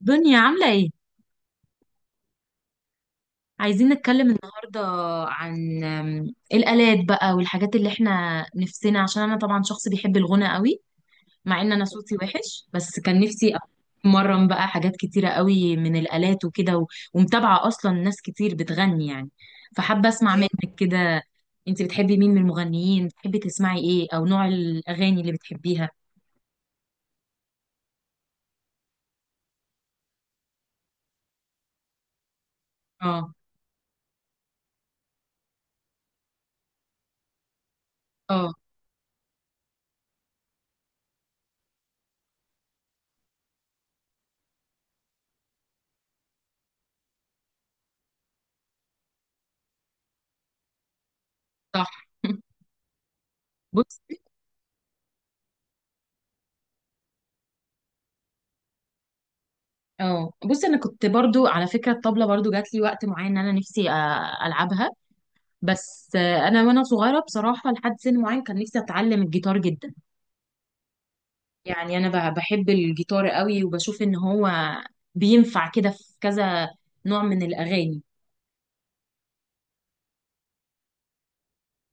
دنيا عاملة ايه؟ عايزين نتكلم النهاردة عن ايه الآلات بقى والحاجات اللي احنا نفسنا، عشان انا طبعا شخص بيحب الغنى قوي مع ان انا صوتي وحش، بس كان نفسي اتمرن بقى حاجات كتيرة قوي من الآلات وكده، ومتابعة اصلا ناس كتير بتغني يعني. فحابة اسمع ايوه منك كده. انت بتحبي مين من المغنيين؟ بتحبي تسمعي ايه او نوع الاغاني اللي بتحبيها؟ اه، اه، صح. بص اه بص انا كنت برضو على فكره الطبله، برضو جات لي وقت معين ان انا نفسي العبها. بس وانا صغيره بصراحه، لحد سن معين كان نفسي اتعلم الجيتار جدا. يعني انا بحب الجيتار قوي، وبشوف ان هو بينفع كده في كذا نوع من الاغاني.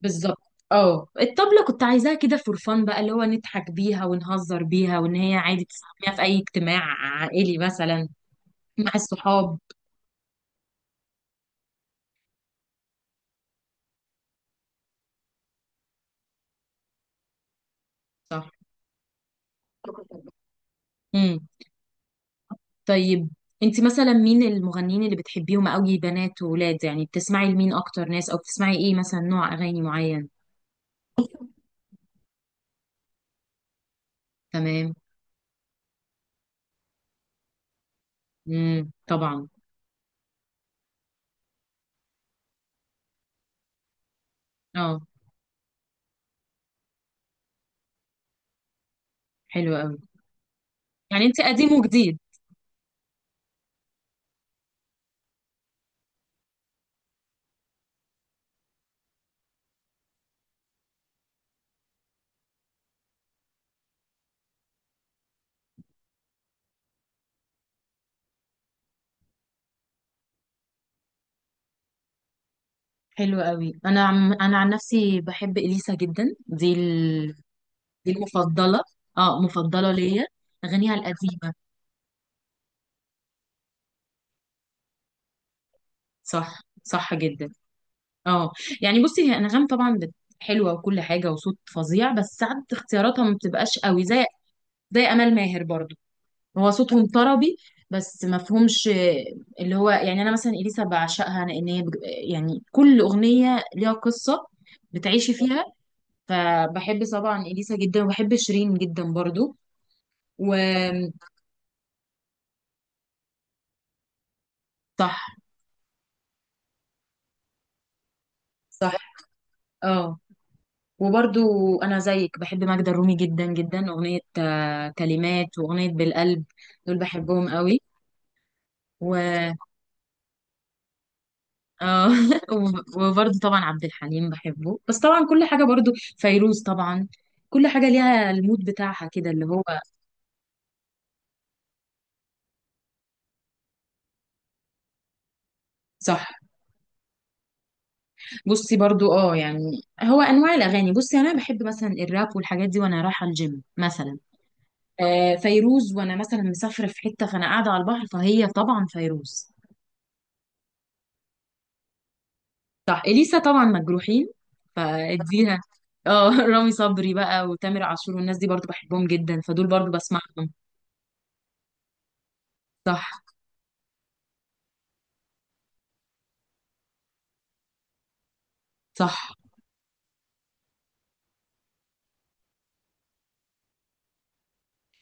بالظبط. اه، الطبله كنت عايزاها كده فور فن بقى، اللي هو نضحك بيها ونهزر بيها، وان هي عادي تستخدميها في اي اجتماع عائلي مثلا، مع الصحاب. صح. امم. طيب انت مثلا مين المغنيين اللي بتحبيهم قوي، بنات وولاد؟ يعني بتسمعي لمين اكتر ناس، او بتسمعي ايه مثلا، نوع اغاني معين؟ تمام. امم، طبعا. اه، حلو قوي. يعني انت قديم وجديد. حلو قوي. انا عن نفسي بحب اليسا جدا. دي المفضله. اه، مفضله ليا اغانيها القديمه. صح، صح جدا. اه، يعني بصي هي انغام طبعا حلوه وكل حاجه، وصوت فظيع، بس ساعات اختياراتها ما بتبقاش قوي، زي امال ماهر برضو. هو صوتهم طربي بس مفهومش. اللي هو يعني انا مثلا اليسا بعشقها، لان هي يعني كل اغنيه ليها قصه بتعيشي فيها. فبحب طبعا اليسا جدا، وبحب شيرين جدا برضو. وصح. صح، صح. اه، وبرضو انا زيك بحب ماجدة الرومي جدا جدا، اغنيه كلمات واغنيه بالقلب. دول بحبهم قوي. اه. وبرضه طبعا عبد الحليم بحبه، بس طبعا كل حاجة، برضه فيروز طبعا. كل حاجة ليها المود بتاعها كده، اللي هو. صح. بصي برضه اه، يعني هو انواع الاغاني، بصي انا بحب مثلا الراب والحاجات دي وانا رايحة الجيم مثلا. آه فيروز وانا مثلا مسافرة في حتة، فانا قاعدة على البحر فهي طبعا فيروز. صح. اليسا طبعا مجروحين، فاديها. اه. رامي صبري بقى وتامر عاشور والناس دي برضه بحبهم جدا، فدول برضه بسمعهم. صح، صح.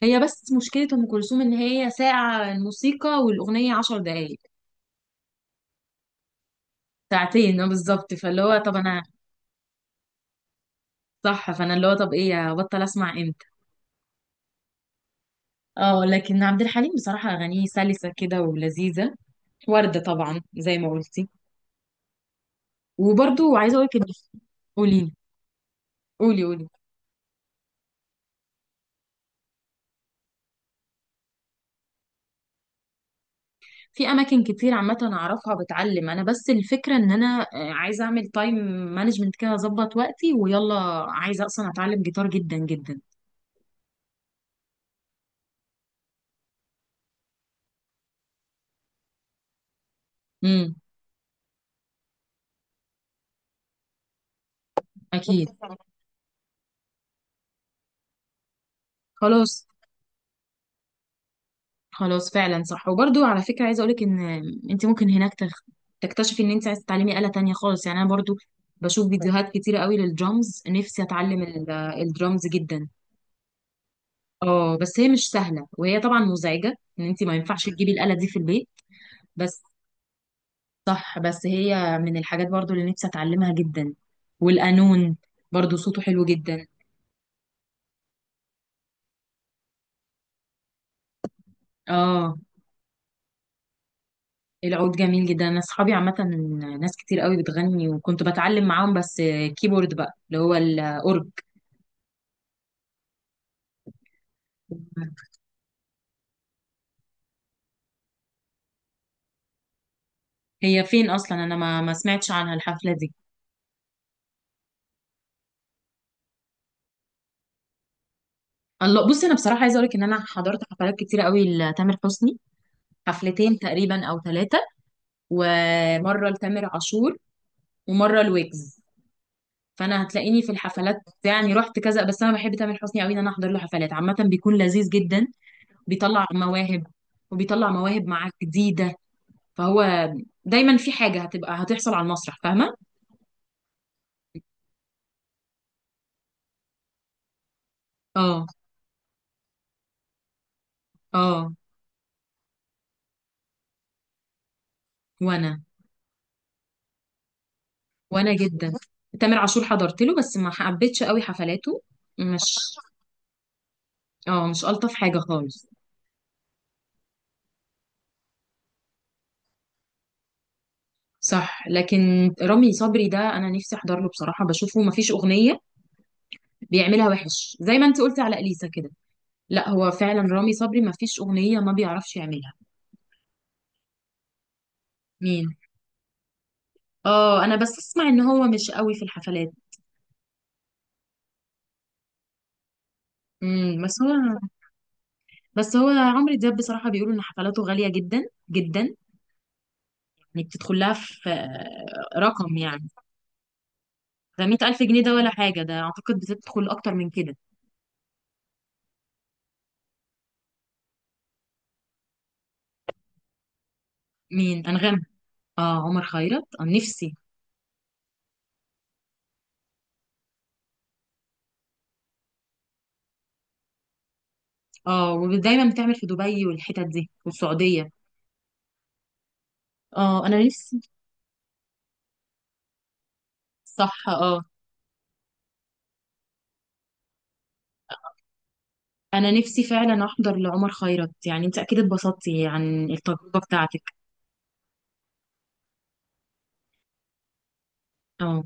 هي بس مشكلة أم كلثوم إن هي ساعة الموسيقى، والأغنية 10 دقايق. ساعتين بالظبط. فاللي هو طب أنا. صح. فأنا اللي هو طب إيه، أبطل أسمع إمتى؟ اه لكن عبد الحليم بصراحة أغانيه سلسة كده، ولذيذة. وردة طبعا زي ما قلتي. وبرضو عايزة أقولك إن... قولي، قولي، قولي. في اماكن كتير عامه اعرفها بتعلم انا، بس الفكره ان انا عايزه اعمل تايم مانجمنت كده، اظبط وقتي ويلا. عايزه اصلا اتعلم جيتار جدا جدا. امم. اكيد. خلاص، خلاص فعلا. صح وبرضو على فكرة عايزة اقولك ان انت ممكن هناك تكتشفي ان انت عايزة تتعلمي آلة تانية خالص. يعني انا برضو بشوف فيديوهات كتيرة قوي للدرامز، نفسي اتعلم الدرامز جدا. اه بس هي مش سهلة، وهي طبعا مزعجة، ان انت ما ينفعش تجيبي الآلة دي في البيت بس. صح، بس هي من الحاجات برضو اللي نفسي اتعلمها جدا. والقانون برضو صوته حلو جدا. اه. العود جميل جدا. انا اصحابي عامة ناس كتير قوي بتغني، وكنت بتعلم معاهم بس كيبورد بقى اللي هو الاورج. هي فين اصلا؟ انا ما سمعتش عنها الحفله دي. الله، بصي انا بصراحه عايزه اقول لك ان انا حضرت حفلات كتيره قوي لتامر حسني. حفلتين تقريبا او ثلاثه. ومره لتامر عاشور. ومره لويجز. فانا هتلاقيني في الحفلات، يعني رحت كذا. بس انا بحب تامر حسني قوي، ان انا احضر له حفلات عامه بيكون لذيذ جدا. بيطلع مواهب، وبيطلع مواهب معاه جديده. فهو دايما في حاجه هتحصل على المسرح، فاهمه. اه، اه. وانا وانا جدا. تامر عاشور حضرت له بس ما حبيتش قوي حفلاته. مش اه مش الطف حاجه خالص. صح، لكن رامي صبري ده انا نفسي احضر له بصراحه، بشوفه ما فيش اغنيه بيعملها وحش، زي ما انت قلتي على اليسا كده. لا هو فعلا رامي صبري ما فيش اغنيه ما بيعرفش يعملها. مين؟ اه انا بس اسمع ان هو مش قوي في الحفلات. امم. بس هو عمرو دياب بصراحه بيقولوا ان حفلاته غاليه جدا جدا. يعني بتدخل لها في رقم يعني؟ ده 100000 جنيه ده ولا حاجة؟ ده أعتقد بتدخل أكتر من كده. مين، أنغام؟ آه عمر خيرت. آه نفسي. آه. ودايما بتعمل في دبي والحتت دي والسعودية. آه أنا نفسي. صح. آه أنا نفسي فعلا أحضر لعمر خيرت. يعني أنت أكيد اتبسطتي عن التجربة بتاعتك. آه.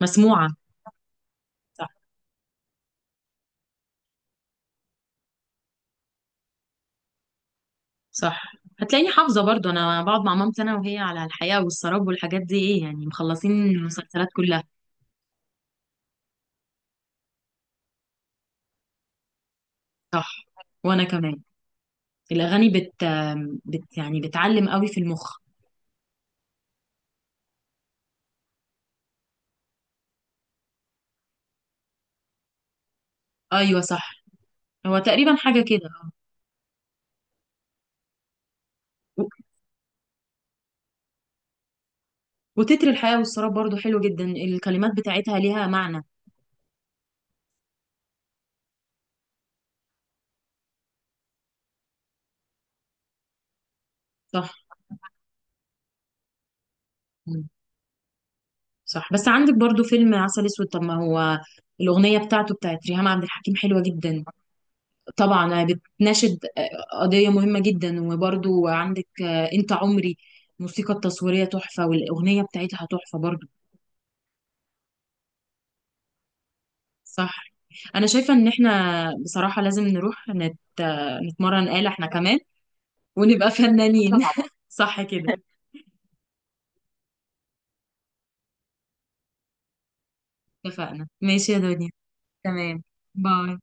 مسموعة. صح، صح. هتلاقيني حافظة برضو، أنا بقعد مع مامتي أنا وهي على الحياة والسراب والحاجات دي، إيه يعني مخلصين المسلسلات كلها. صح. وأنا كمان. الأغاني بت يعني بتعلم قوي في المخ. ايوه صح، هو تقريبا حاجه كده. و- وتتر الحياه والسراب برضو حلو جدا، الكلمات بتاعتها ليها معنى. صح. مم. صح، بس عندك برضو فيلم عسل اسود. طب ما هو الاغنيه بتاعته بتاعت ريهام عبد الحكيم حلوه جدا، طبعا بتناشد قضيه مهمه جدا. وبرضو عندك انت عمري. الموسيقى التصويريه تحفه والاغنيه بتاعتها تحفه برضو. صح. انا شايفه ان احنا بصراحه لازم نروح نت... آه، نتمرن آلة احنا كمان، ونبقى فنانين. صح كده. اتفقنا، ماشي يا دنيا. تمام. باي.